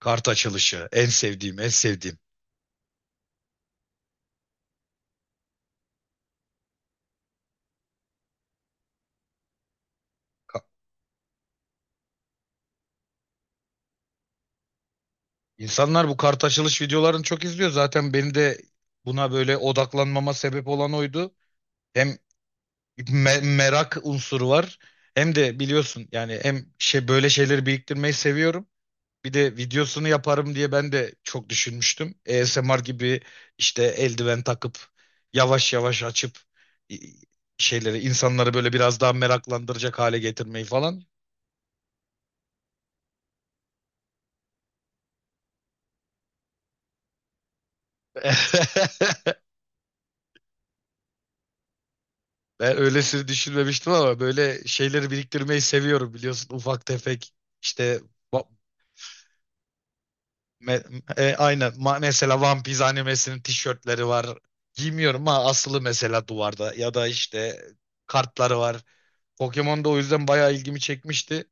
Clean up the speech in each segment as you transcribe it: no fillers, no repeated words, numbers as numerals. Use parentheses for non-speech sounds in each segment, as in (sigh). Kart açılışı. En sevdiğim, en sevdiğim. Ka- İnsanlar bu kart açılış videolarını çok izliyor. Zaten beni de buna böyle odaklanmama sebep olan oydu. Hem merak unsuru var. Hem de biliyorsun yani hem şey böyle şeyleri biriktirmeyi seviyorum. Bir de videosunu yaparım diye ben de çok düşünmüştüm. ASMR gibi işte eldiven takıp yavaş yavaş açıp i- şeyleri insanları böyle biraz daha meraklandıracak hale getirmeyi falan. (laughs) Ben öylesini düşünmemiştim ama böyle şeyleri biriktirmeyi seviyorum biliyorsun. Ufak tefek işte va- aynen mesela One Piece animesinin tişörtleri var. Giymiyorum ama asılı mesela duvarda ya da işte kartları var. Pokemon da o yüzden bayağı ilgimi çekmişti.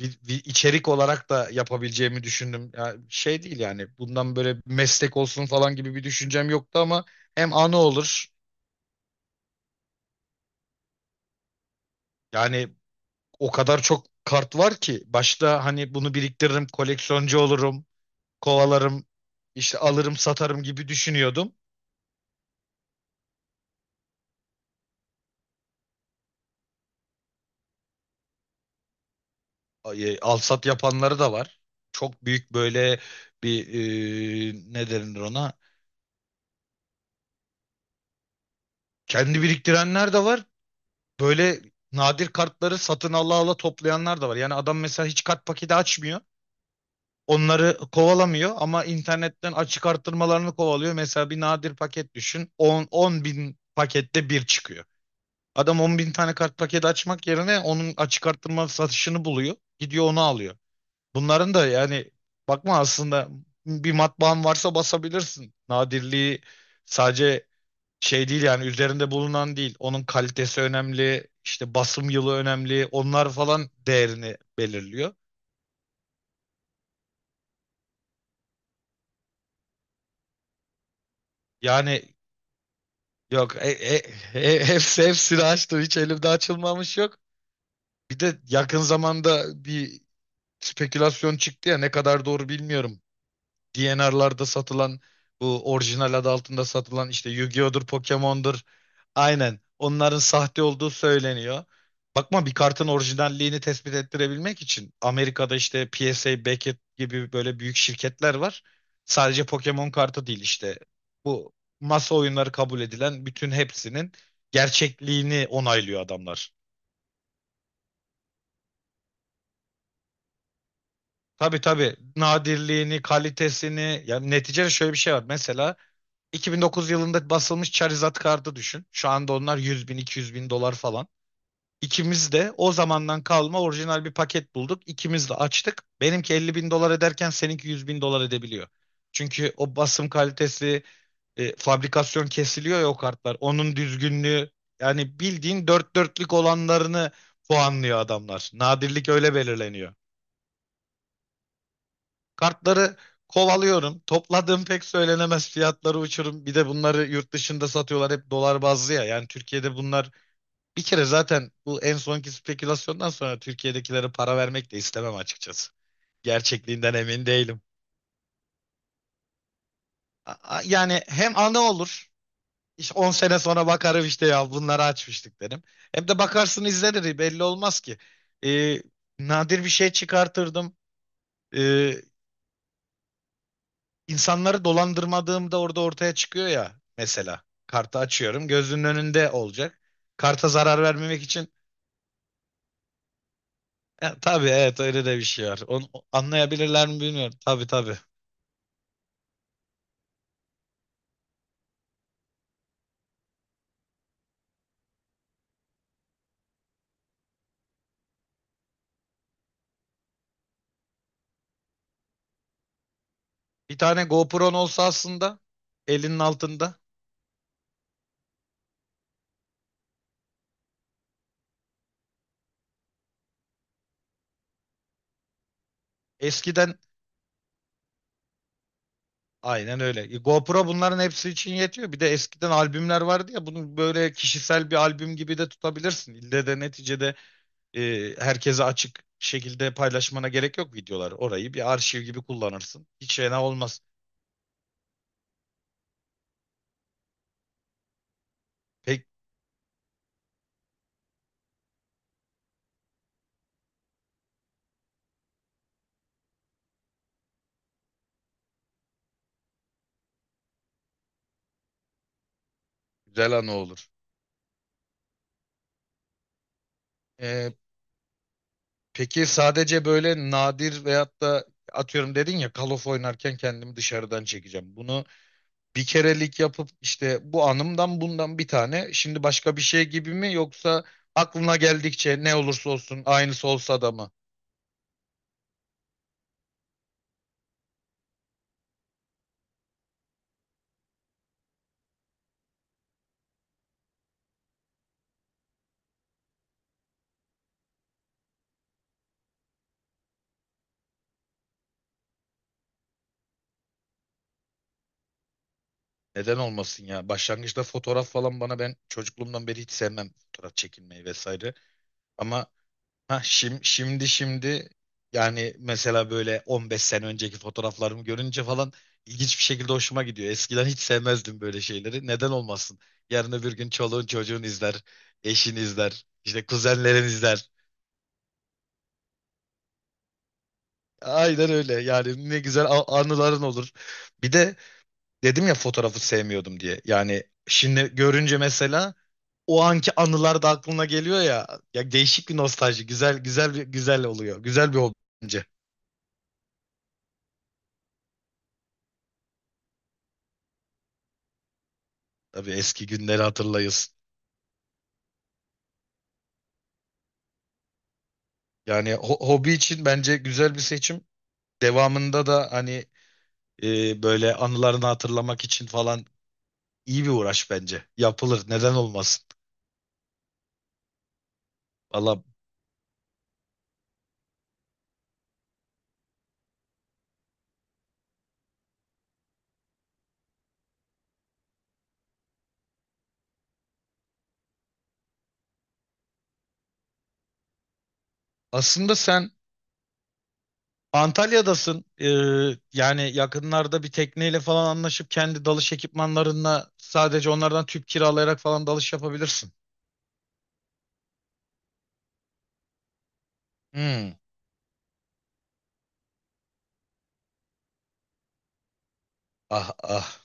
Bir içerik olarak da yapabileceğimi düşündüm. Ya şey değil yani bundan böyle meslek olsun falan gibi bir düşüncem yoktu ama hem anı olur. Yani o kadar çok kart var ki başta hani bunu biriktiririm, koleksiyoncu olurum, kovalarım, işte alırım, satarım gibi düşünüyordum. Ay, al sat yapanları da var. Çok büyük böyle bir ne denir ona? Kendi biriktirenler de var. Böyle nadir kartları satın ala ala toplayanlar da var. Yani adam mesela hiç kart paketi açmıyor. Onları kovalamıyor ama internetten açık arttırmalarını kovalıyor. Mesela bir nadir paket düşün. 10 bin pakette bir çıkıyor. Adam 10 bin tane kart paketi açmak yerine onun açık arttırma satışını buluyor. Gidiyor onu alıyor. Bunların da yani bakma aslında bir matbaan varsa basabilirsin. Nadirliği sadece şey değil yani üzerinde bulunan değil. Onun kalitesi önemli, işte basım yılı önemli. Onlar falan değerini belirliyor. Yani yok hepsini açtı. Hiç elimde açılmamış yok. Bir de yakın zamanda bir spekülasyon çıktı ya ne kadar doğru bilmiyorum. DNR'larda satılan bu orijinal adı altında satılan işte Yu-Gi-Oh'dur, Pokemon'dur. Aynen. Onların sahte olduğu söyleniyor. Bakma bir kartın orijinalliğini tespit ettirebilmek için Amerika'da işte PSA, Beckett gibi böyle büyük şirketler var. Sadece Pokemon kartı değil işte. Bu masa oyunları kabul edilen bütün hepsinin gerçekliğini onaylıyor adamlar. Tabii tabii. Nadirliğini, kalitesini. Yani neticede şöyle bir şey var. Mesela 2009 yılında basılmış Charizard kartı düşün. Şu anda onlar 100 bin 200 bin dolar falan. İkimiz de o zamandan kalma orijinal bir paket bulduk. İkimiz de açtık. Benimki 50 bin dolar ederken seninki 100 bin dolar edebiliyor. Çünkü o basım kalitesi, fabrikasyon kesiliyor ya o kartlar. Onun düzgünlüğü yani bildiğin dört dörtlük olanlarını puanlıyor adamlar. Nadirlik öyle belirleniyor. Kartları kovalıyorum. Topladığım pek söylenemez, fiyatları uçurum. Bir de bunları yurt dışında satıyorlar hep dolar bazlı ya. Yani Türkiye'de bunlar bir kere zaten bu en sonki spekülasyondan sonra Türkiye'dekilere para vermek de istemem açıkçası. Gerçekliğinden emin değilim. Yani hem anı olur. İşte 10 sene sonra bakarım işte ya bunları açmıştık derim. Hem de bakarsın izlenir, belli olmaz ki. Ee, nadir bir şey çıkartırdım. Ee, insanları dolandırmadığımda orada ortaya çıkıyor ya mesela. Kartı açıyorum, gözünün önünde olacak. Karta zarar vermemek için tabii, evet, öyle de bir şey var. Onu anlayabilirler mi bilmiyorum. Tabii tabii. Bir tane GoPro'nun olsa aslında elinin altında. Eskiden aynen öyle. GoPro bunların hepsi için yetiyor. Bir de eskiden albümler vardı ya, bunu böyle kişisel bir albüm gibi de tutabilirsin. İlle de neticede herkese açık şekilde paylaşmana gerek yok videolar. Orayı bir arşiv gibi kullanırsın. Hiç fena olmaz. Pek güzel anı olur. E, peki sadece böyle nadir veyahut da atıyorum dedin ya Call of oynarken kendimi dışarıdan çekeceğim. Bunu bir kerelik yapıp işte bu anımdan bundan bir tane. Şimdi başka bir şey gibi mi, yoksa aklına geldikçe ne olursa olsun aynısı olsa da mı? Neden olmasın ya? Başlangıçta fotoğraf falan bana, ben çocukluğumdan beri hiç sevmem fotoğraf çekilmeyi vesaire. Ama şimdi yani mesela böyle 15 sene önceki fotoğraflarımı görünce falan ilginç bir şekilde hoşuma gidiyor. Eskiden hiç sevmezdim böyle şeyleri. Neden olmasın? Yarın öbür gün çoluğun çocuğun izler, eşin izler, işte kuzenlerin izler. Aynen öyle. Yani ne güzel anıların olur. Bir de dedim ya fotoğrafı sevmiyordum diye. Yani şimdi görünce mesela o anki anılar da aklına geliyor ya. Ya değişik bir nostalji. Güzel güzel bir güzel oluyor. Güzel bir hobi bence. Tabii eski günleri hatırlayız. Yani hobi için bence güzel bir seçim. Devamında da hani böyle anılarını hatırlamak için falan iyi bir uğraş bence. Yapılır. Neden olmasın? Valla aslında sen Antalya'dasın. Yani yakınlarda bir tekneyle falan anlaşıp kendi dalış ekipmanlarınla sadece onlardan tüp kiralayarak falan dalış yapabilirsin. Hmm. Ah ah.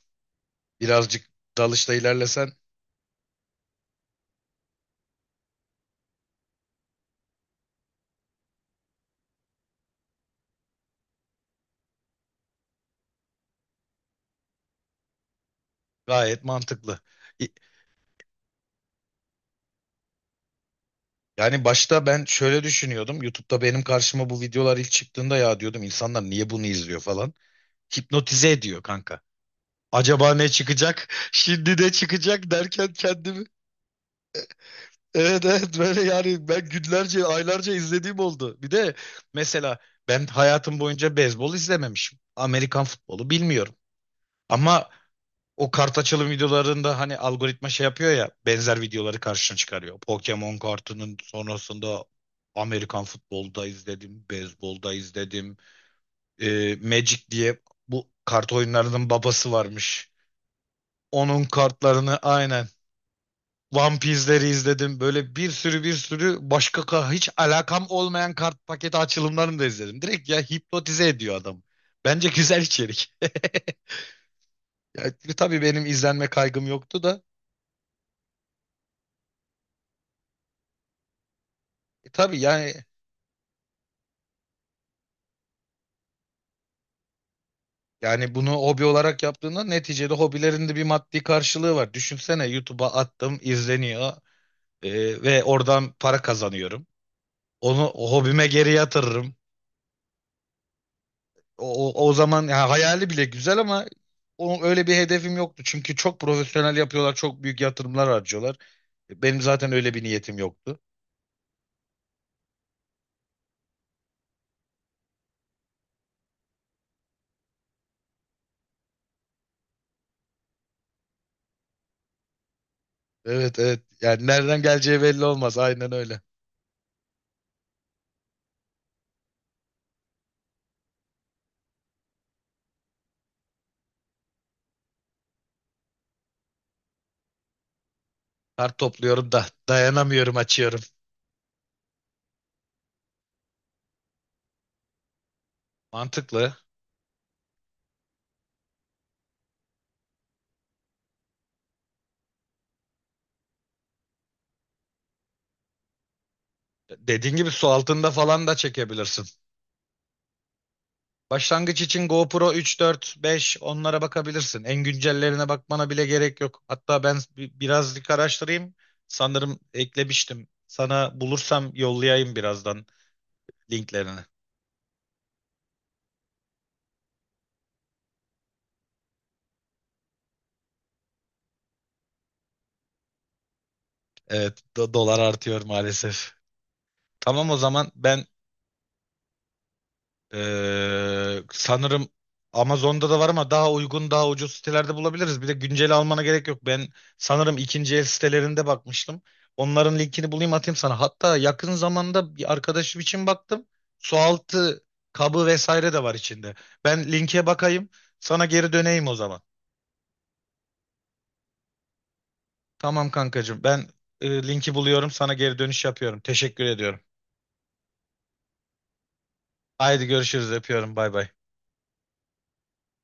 Birazcık dalışta ilerlesen gayet mantıklı. Yani başta ben şöyle düşünüyordum. YouTube'da benim karşıma bu videolar ilk çıktığında ya diyordum insanlar niye bunu izliyor falan. Hipnotize ediyor kanka. Acaba ne çıkacak? Şimdi ne çıkacak derken kendimi evet, evet, böyle yani ben günlerce aylarca izlediğim oldu. Bir de mesela ben hayatım boyunca beyzbol izlememişim. Amerikan futbolu bilmiyorum. Ama o kart açılım videolarında hani algoritma şey yapıyor ya benzer videoları karşına çıkarıyor. Pokemon kartının sonrasında Amerikan futbolda izledim, beyzbolda izledim. Magic diye bu kart oyunlarının babası varmış. Onun kartlarını aynen One Piece'leri izledim. Böyle bir sürü bir sürü başka hiç alakam olmayan kart paketi açılımlarını da izledim. Direkt ya hipnotize ediyor adam. Bence güzel içerik. (laughs) Ya, tabii benim izlenme kaygım yoktu da. E, tabii yani Yani bunu hobi olarak yaptığında neticede hobilerinde bir maddi karşılığı var. Düşünsene YouTube'a attım, izleniyor ve oradan para kazanıyorum. Onu o hobime geri yatırırım. O zaman ya hayali bile güzel ama öyle bir hedefim yoktu. Çünkü çok profesyonel yapıyorlar, çok büyük yatırımlar harcıyorlar. Benim zaten öyle bir niyetim yoktu. Evet, evet. Yani nereden geleceği belli olmaz. Aynen öyle. Kart topluyorum da dayanamıyorum, açıyorum. Mantıklı. Dediğin gibi su altında falan da çekebilirsin. Başlangıç için GoPro 3, 4, 5 onlara bakabilirsin. En güncellerine bakmana bile gerek yok. Hatta ben birazcık araştırayım. Sanırım eklemiştim. Sana bulursam yollayayım birazdan linklerini. Evet, dolar artıyor maalesef. Tamam o zaman ben sanırım Amazon'da da var ama daha uygun, daha ucuz sitelerde bulabiliriz. Bir de güncel almana gerek yok. Ben sanırım ikinci el sitelerinde bakmıştım. Onların linkini bulayım, atayım sana. Hatta yakın zamanda bir arkadaşım için baktım. Sualtı kabı vesaire de var içinde. Ben linke bakayım. Sana geri döneyim o zaman. Tamam kankacığım. Ben linki buluyorum. Sana geri dönüş yapıyorum. Teşekkür ediyorum. Haydi görüşürüz. Öpüyorum. Bay bay.